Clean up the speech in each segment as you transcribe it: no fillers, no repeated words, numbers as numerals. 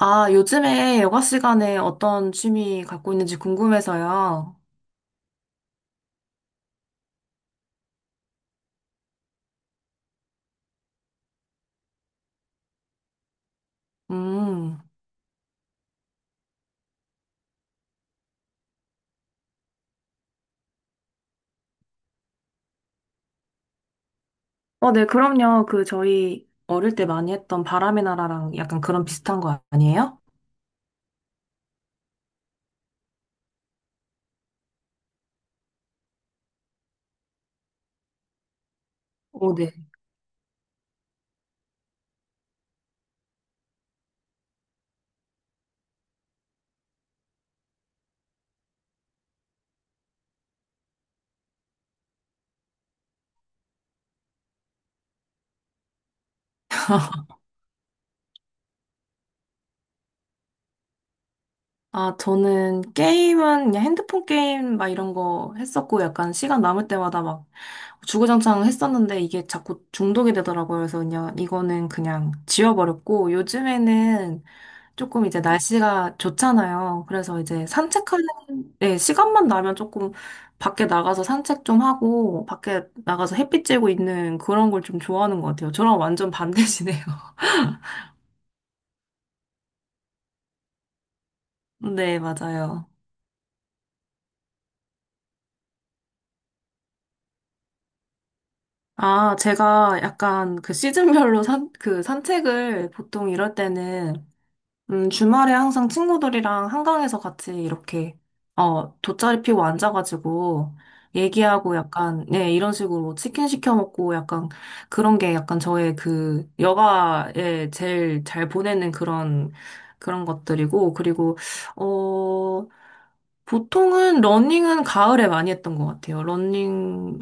아, 요즘에 여가 시간에 어떤 취미 갖고 있는지 궁금해서요. 음. 어, 네, 그럼요. 그, 저희 어릴 때 많이 했던 바람의 나라랑 약간 그런 비슷한 거 아니에요? 오, 네. 아, 저는 게임은 그냥 핸드폰 게임 막 이런 거 했었고, 약간 시간 남을 때마다 막 주구장창 했었는데 이게 자꾸 중독이 되더라고요. 그래서 그냥 이거는 그냥 지워버렸고, 요즘에는 조금 이제 날씨가 좋잖아요. 그래서 이제 산책하는, 예, 시간만 나면 조금 밖에 나가서 산책 좀 하고, 밖에 나가서 햇빛 쬐고 있는 그런 걸 좀 좋아하는 것 같아요. 저랑 완전 반대시네요. 네, 맞아요. 아, 제가 약간 그 시즌별로 그 산책을 보통 이럴 때는 주말에 항상 친구들이랑 한강에서 같이 이렇게, 어, 돗자리 피고 앉아가지고, 얘기하고 약간, 네, 이런 식으로 치킨 시켜 먹고 약간, 그런 게 약간 저의 그, 여가에 제일 잘 보내는 그런, 그런 것들이고, 그리고, 어, 보통은 러닝은 가을에 많이 했던 것 같아요. 러닝,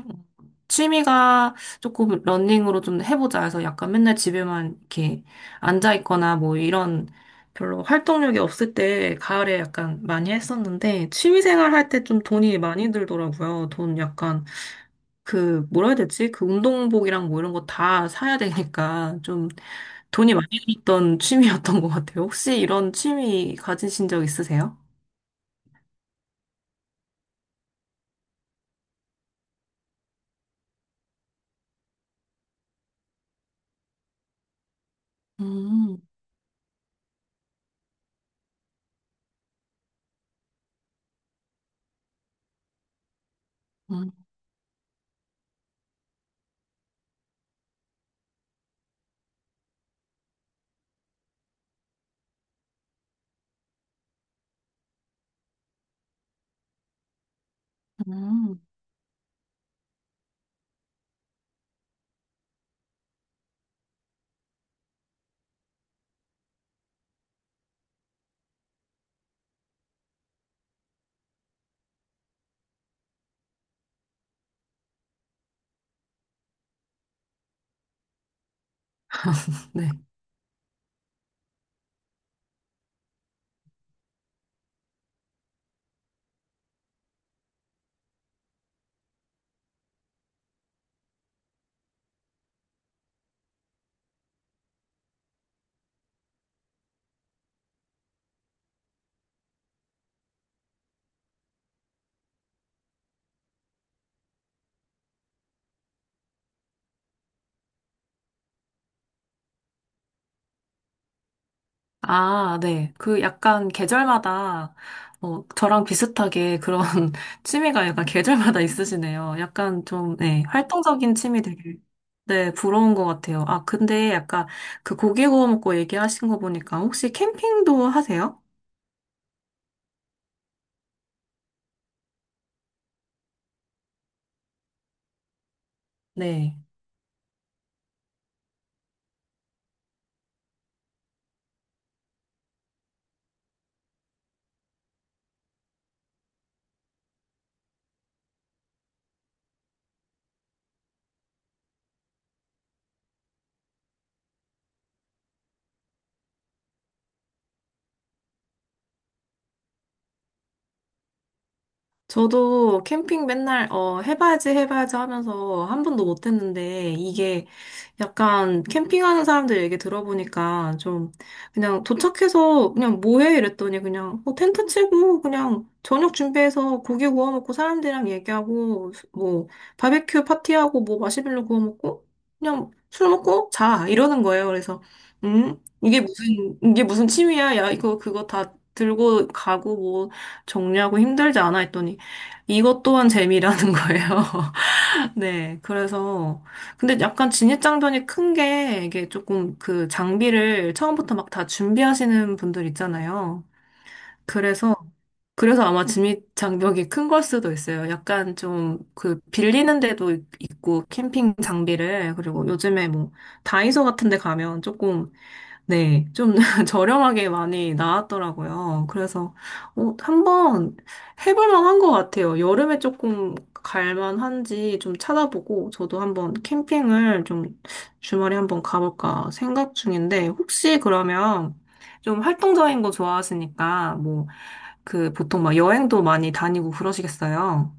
취미가 조금 러닝으로 좀 해보자 해서 약간 맨날 집에만 이렇게 앉아있거나 뭐 이런 별로 활동력이 없을 때 가을에 약간 많이 했었는데 취미생활 할 때 좀 돈이 많이 들더라고요. 돈 약간 그 뭐라 해야 되지? 그 운동복이랑 뭐 이런 거 다 사야 되니까 좀 돈이 많이 들었던 취미였던 것 같아요. 혹시 이런 취미 가지신 적 있으세요? 음, 음, 네. 아, 네. 그 약간 계절마다, 어, 저랑 비슷하게 그런 취미가 약간 계절마다 있으시네요. 약간 좀, 네, 활동적인 취미 되게, 네, 부러운 것 같아요. 아, 근데 약간 그 고기 구워 먹고 얘기하신 거 보니까 혹시 캠핑도 하세요? 네. 저도 캠핑 맨날, 어, 해봐야지, 해봐야지 하면서 한 번도 못 했는데, 이게 약간 캠핑하는 사람들 얘기 들어보니까 좀, 그냥 도착해서 그냥 뭐 해? 이랬더니 그냥, 뭐 텐트 치고, 그냥 저녁 준비해서 고기 구워 먹고 사람들이랑 얘기하고, 뭐, 바베큐 파티하고, 뭐 마시멜로 구워 먹고, 그냥 술 먹고 자! 이러는 거예요. 그래서, 음? 이게 무슨 취미야? 야, 이거, 그거 다 들고 가고, 뭐, 정리하고 힘들지 않아 했더니, 이것 또한 재미라는 거예요. 네, 그래서 근데 약간 진입장벽이 큰 게 이게 조금 그 장비를 처음부터 막 다 준비하시는 분들 있잖아요. 그래서 그래서 아마 진입장벽이 큰 걸 수도 있어요. 약간 좀 그 빌리는 있고 캠핑 장비를 그리고 요즘에 뭐 다이소 같은 데 가면 조금 네, 좀 저렴하게 많이 나왔더라고요. 그래서 어, 한번 해볼 만한 것 같아요. 여름에 조금 갈만한지 좀 찾아보고 저도 한번 캠핑을 좀 주말에 한번 가볼까 생각 중인데 혹시 그러면 좀 활동적인 거 좋아하시니까 뭐 그 보통 막 여행도 많이 다니고 그러시겠어요?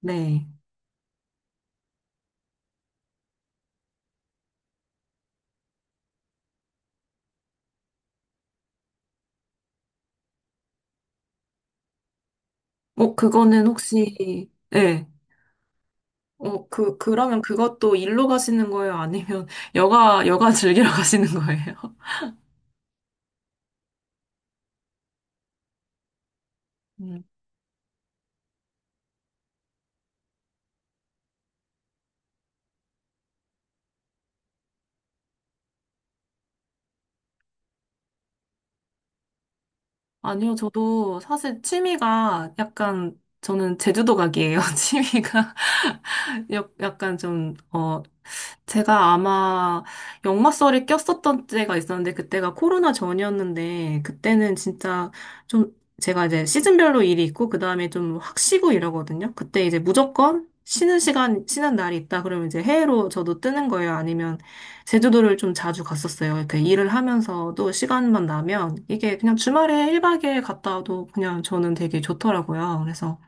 네. 어, 그거는 혹시 네. 어, 그러면 그것도 일로 가시는 거예요? 아니면 여가 즐기러 가시는 거예요? 음. 아니요, 저도 사실 취미가 약간, 저는 제주도 가기예요. 취미가 약간 좀, 어, 제가 아마 역마살이 꼈었던 때가 있었는데 그때가 코로나 전이었는데 그때는 진짜 좀 제가 이제 시즌별로 일이 있고 그다음에 좀 확 쉬고 이러거든요. 그때 이제 무조건 쉬는 시간 쉬는 날이 있다 그러면 이제 해외로 저도 뜨는 거예요. 아니면 제주도를 좀 자주 갔었어요. 이렇게 일을 하면서도 시간만 나면 이게 그냥 주말에 1박 에일 갔다 와도 그냥 저는 되게 좋더라고요. 그래서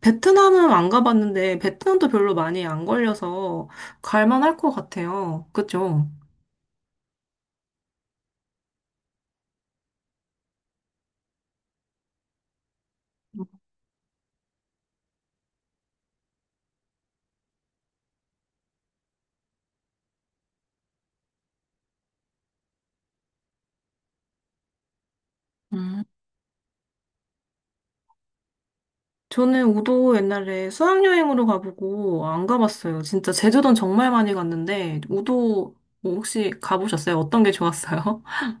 베트남은 안 가봤는데, 베트남도 별로 많이 안 걸려서 갈만할 것 같아요. 그죠? 음. 저는 우도 옛날에 수학여행으로 가보고 안 가봤어요. 진짜 제주도는 정말 많이 갔는데, 우도 뭐 혹시 가보셨어요? 어떤 게 좋았어요?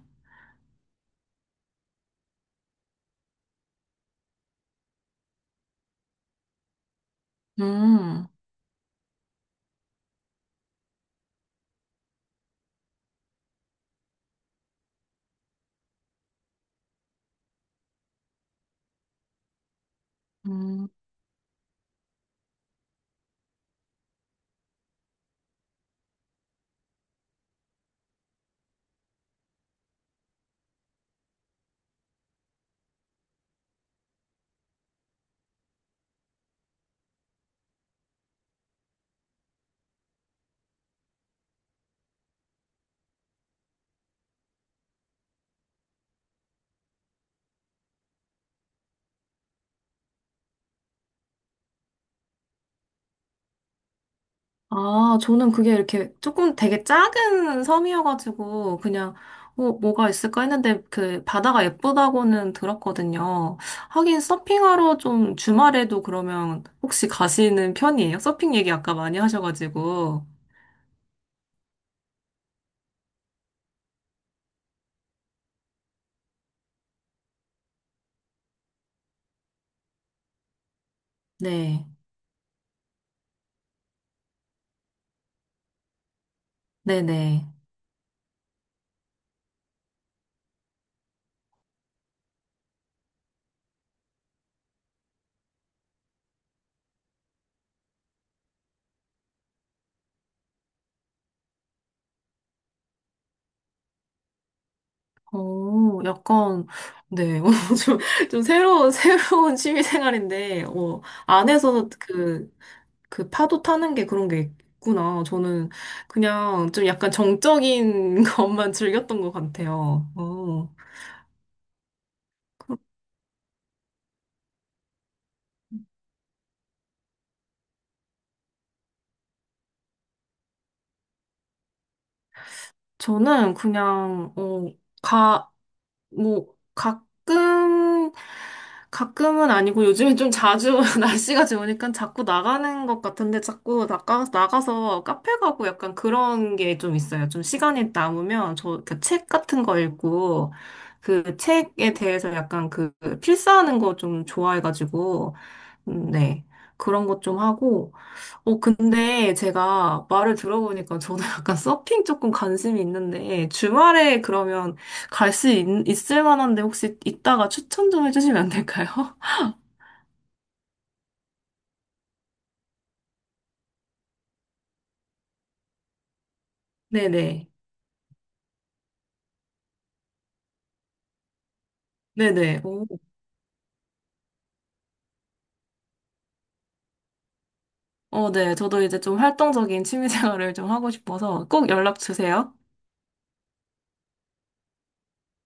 음. 음. 아, 저는 그게 이렇게 조금 되게 작은 섬이어가지고 그냥 어, 뭐가 있을까 했는데 그 바다가 예쁘다고는 들었거든요. 하긴 서핑하러 좀 주말에도 그러면 혹시 가시는 편이에요? 서핑 얘기 아까 많이 하셔가지고. 네. 네네. 어, 약간, 네. 어, 좀, 좀 새로운, 새로운 취미 생활인데, 어, 안에서 그 파도 타는 게 그런 게 있구나. 저는 그냥 좀 약간 정적인 것만 즐겼던 것 같아요. 어. 그- 저는 그냥, 어, 가, 뭐, 가끔, 가끔은 아니고 요즘엔 좀 자주 날씨가 좋으니까 자꾸 나가는 것 같은데 자꾸 나가서 카페 가고 약간 그런 게 좀 있어요. 좀 시간이 남으면 저 그 책 같은 거 읽고 그 책에 대해서 약간 그 필사하는 거 좀 좋아해가지고, 네. 그런 것 좀 하고, 어, 근데 제가 말을 들어보니까 저도 약간 서핑 조금 관심이 있는데, 주말에 그러면 갈 수 있을 만한데 혹시 있다가 추천 좀 해주시면 안 될까요? 네네. 네네. 오. 어, 네. 저도 이제 좀 활동적인 취미 생활을 좀 하고 싶어서 꼭 연락 주세요.